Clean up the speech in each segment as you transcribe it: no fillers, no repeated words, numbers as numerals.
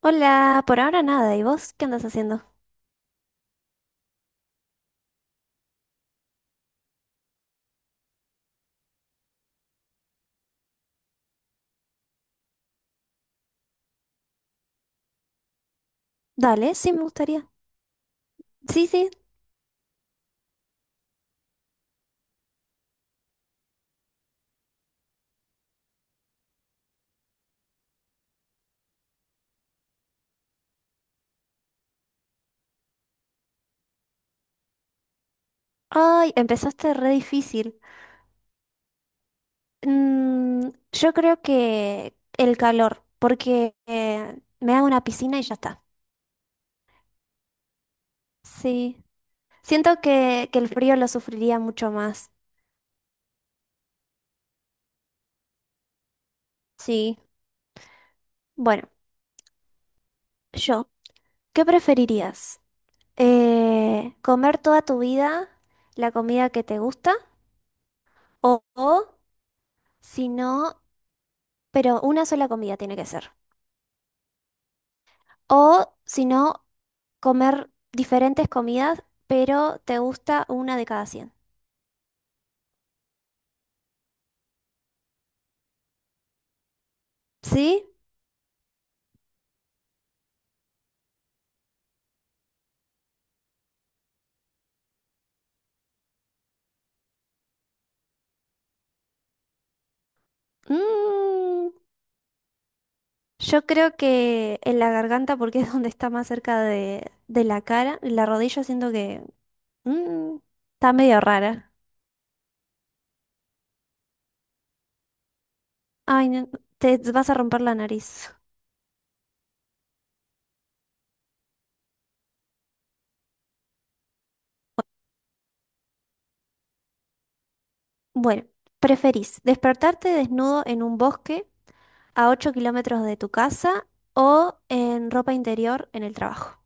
Hola, por ahora nada. ¿Y vos qué andas haciendo? Dale, sí, me gustaría. Sí, sí. Ay, empezaste re difícil. Yo creo que el calor, porque me hago una piscina y ya está. Sí. Siento que el frío lo sufriría mucho más. Sí. Bueno, yo, ¿qué preferirías? ¿Comer toda tu vida la comida que te gusta? O si no, pero una sola comida tiene que ser. O si no, comer diferentes comidas, pero te gusta una de cada 100. ¿Sí? Mm, yo creo que en la garganta, porque es donde está más cerca de la cara, en la rodilla siento que mm, está medio rara. Ay, no, te vas a romper la nariz. Bueno, ¿preferís despertarte desnudo en un bosque a 8 km de tu casa o en ropa interior en el trabajo?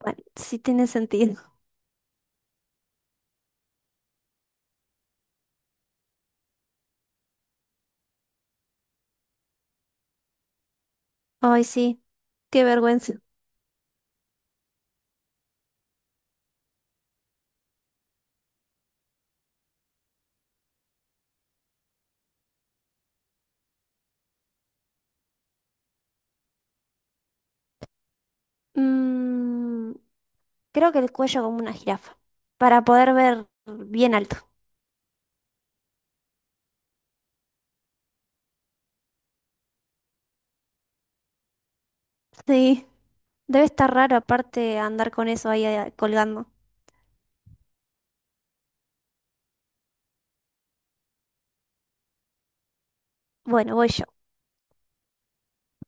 Bueno, sí tiene sentido. Ay, sí. Qué vergüenza. Mm, creo que el cuello como una jirafa, para poder ver bien alto. Sí. Debe estar raro aparte andar con eso ahí colgando. Bueno, voy yo.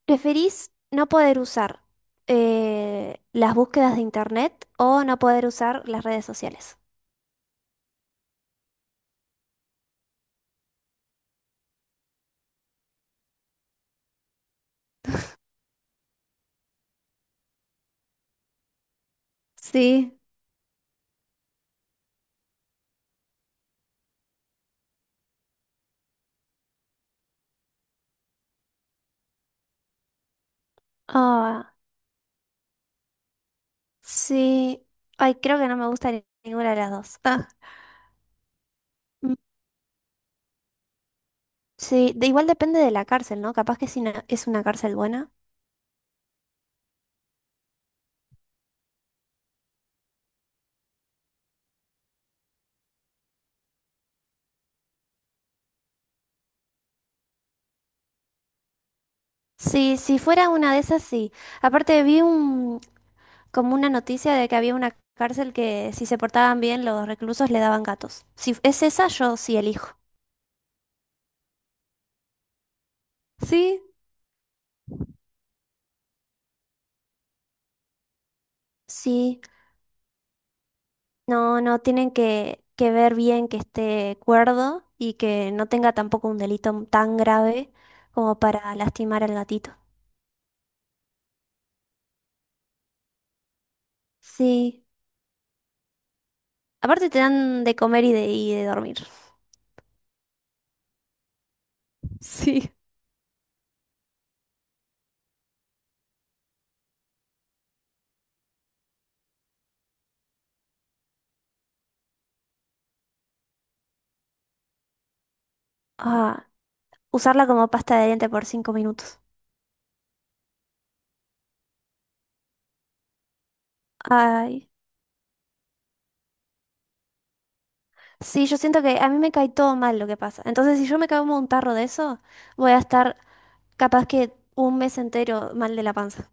¿Preferís no poder usar las búsquedas de internet o no poder usar las redes sociales? Sí. Ah, sí. Ay, creo que no me gusta ninguna de las dos. Ah. Mm, Sí, igual depende de la cárcel, ¿no? Capaz que es una cárcel buena. Sí, si fuera una de esas, sí. Aparte vi como una noticia de que había una cárcel que si se portaban bien los reclusos le daban gatos. Si es esa, yo sí elijo. Sí, sí, no, no, tienen que ver bien que esté cuerdo y que no tenga tampoco un delito tan grave como para lastimar al gatito. Sí, aparte te dan de comer y de dormir. Sí. Ah, usarla como pasta de diente por 5 minutos. Ay. Sí, yo siento que a mí me cae todo mal lo que pasa. Entonces, si yo me como un tarro de eso, voy a estar capaz que un mes entero mal de la panza.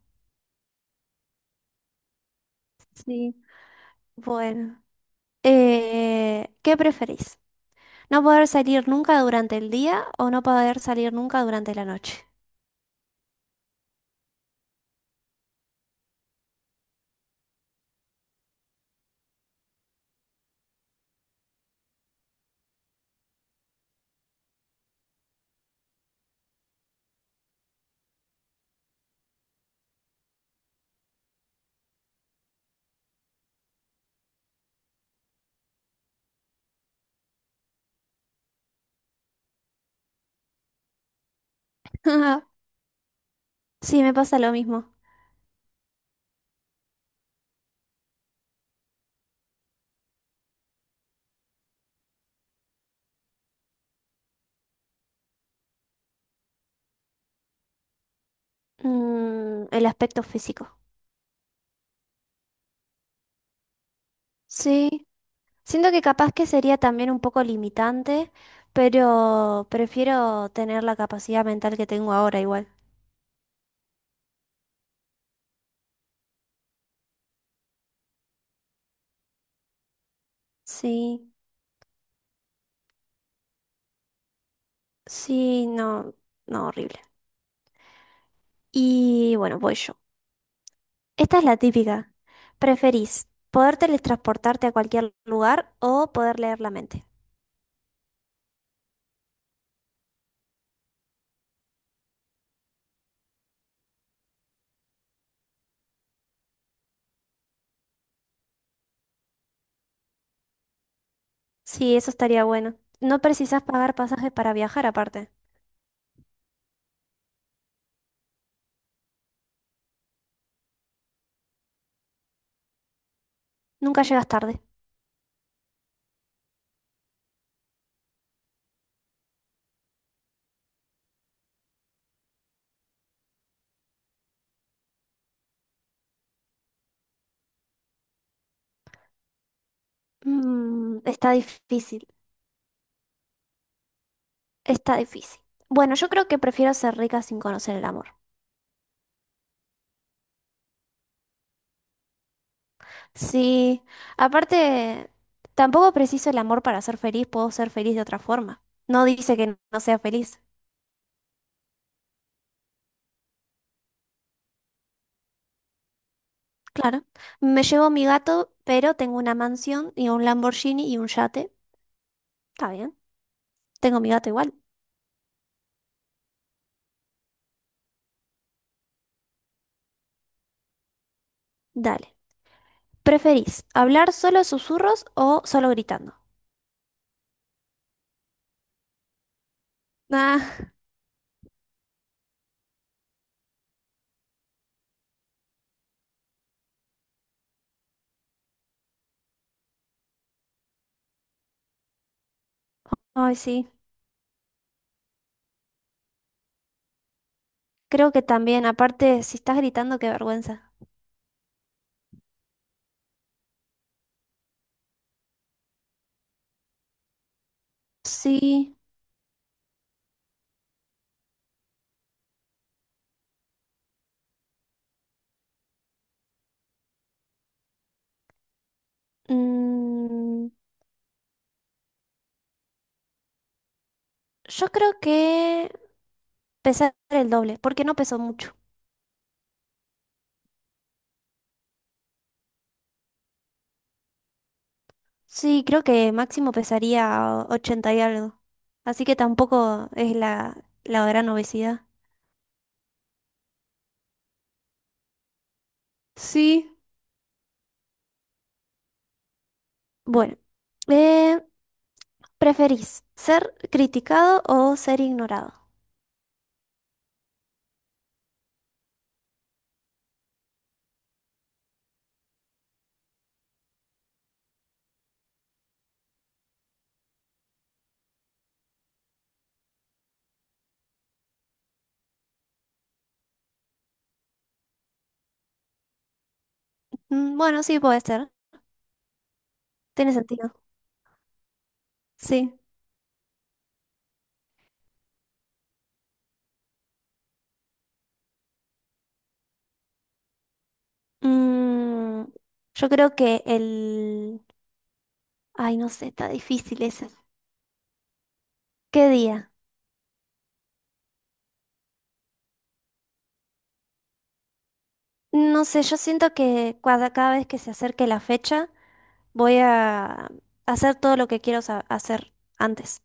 Sí. Bueno, ¿qué preferís? ¿No poder salir nunca durante el día o no poder salir nunca durante la noche? Sí, me pasa lo mismo. El aspecto físico. Sí, siento que capaz que sería también un poco limitante, pero prefiero tener la capacidad mental que tengo ahora igual. Sí. Sí, no, no, horrible. Y bueno, voy yo. Esta es la típica. ¿Preferís poder teletransportarte a cualquier lugar o poder leer la mente? Sí, eso estaría bueno. No precisas pagar pasajes para viajar aparte. Nunca llegas tarde. Está difícil, está difícil. Bueno, yo creo que prefiero ser rica sin conocer el amor. Sí, aparte, tampoco preciso el amor para ser feliz, puedo ser feliz de otra forma. No dice que no sea feliz. Claro. Me llevo mi gato, pero tengo una mansión y un Lamborghini y un yate. Está bien. Tengo mi gato igual. Dale. ¿Preferís hablar solo susurros o solo gritando? Ah, ay, sí. Creo que también. Aparte, si estás gritando, qué vergüenza. Sí. mm, yo creo que pesar el doble, porque no pesó mucho. Sí, creo que máximo pesaría 80 y algo. Así que tampoco es la gran obesidad. Sí. Bueno, eh, ¿preferís ser criticado o ser ignorado? Bueno, sí puede ser. Tiene sentido. Sí. Mm, yo creo que el. Ay, no sé, está difícil ese. ¿Qué día? No sé, yo siento que cada vez que se acerque la fecha voy a hacer todo lo que quiero hacer antes.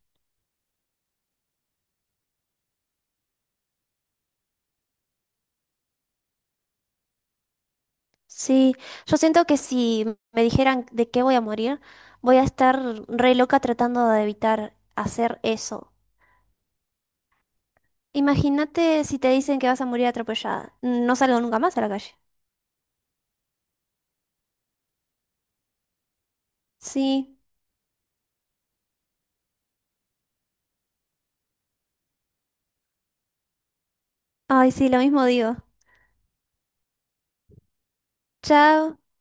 Sí, yo siento que si me dijeran de qué voy a morir, voy a estar re loca tratando de evitar hacer eso. Imagínate si te dicen que vas a morir atropellada. No salgo nunca más a la calle. Sí. Ay, sí, lo mismo digo. Chao.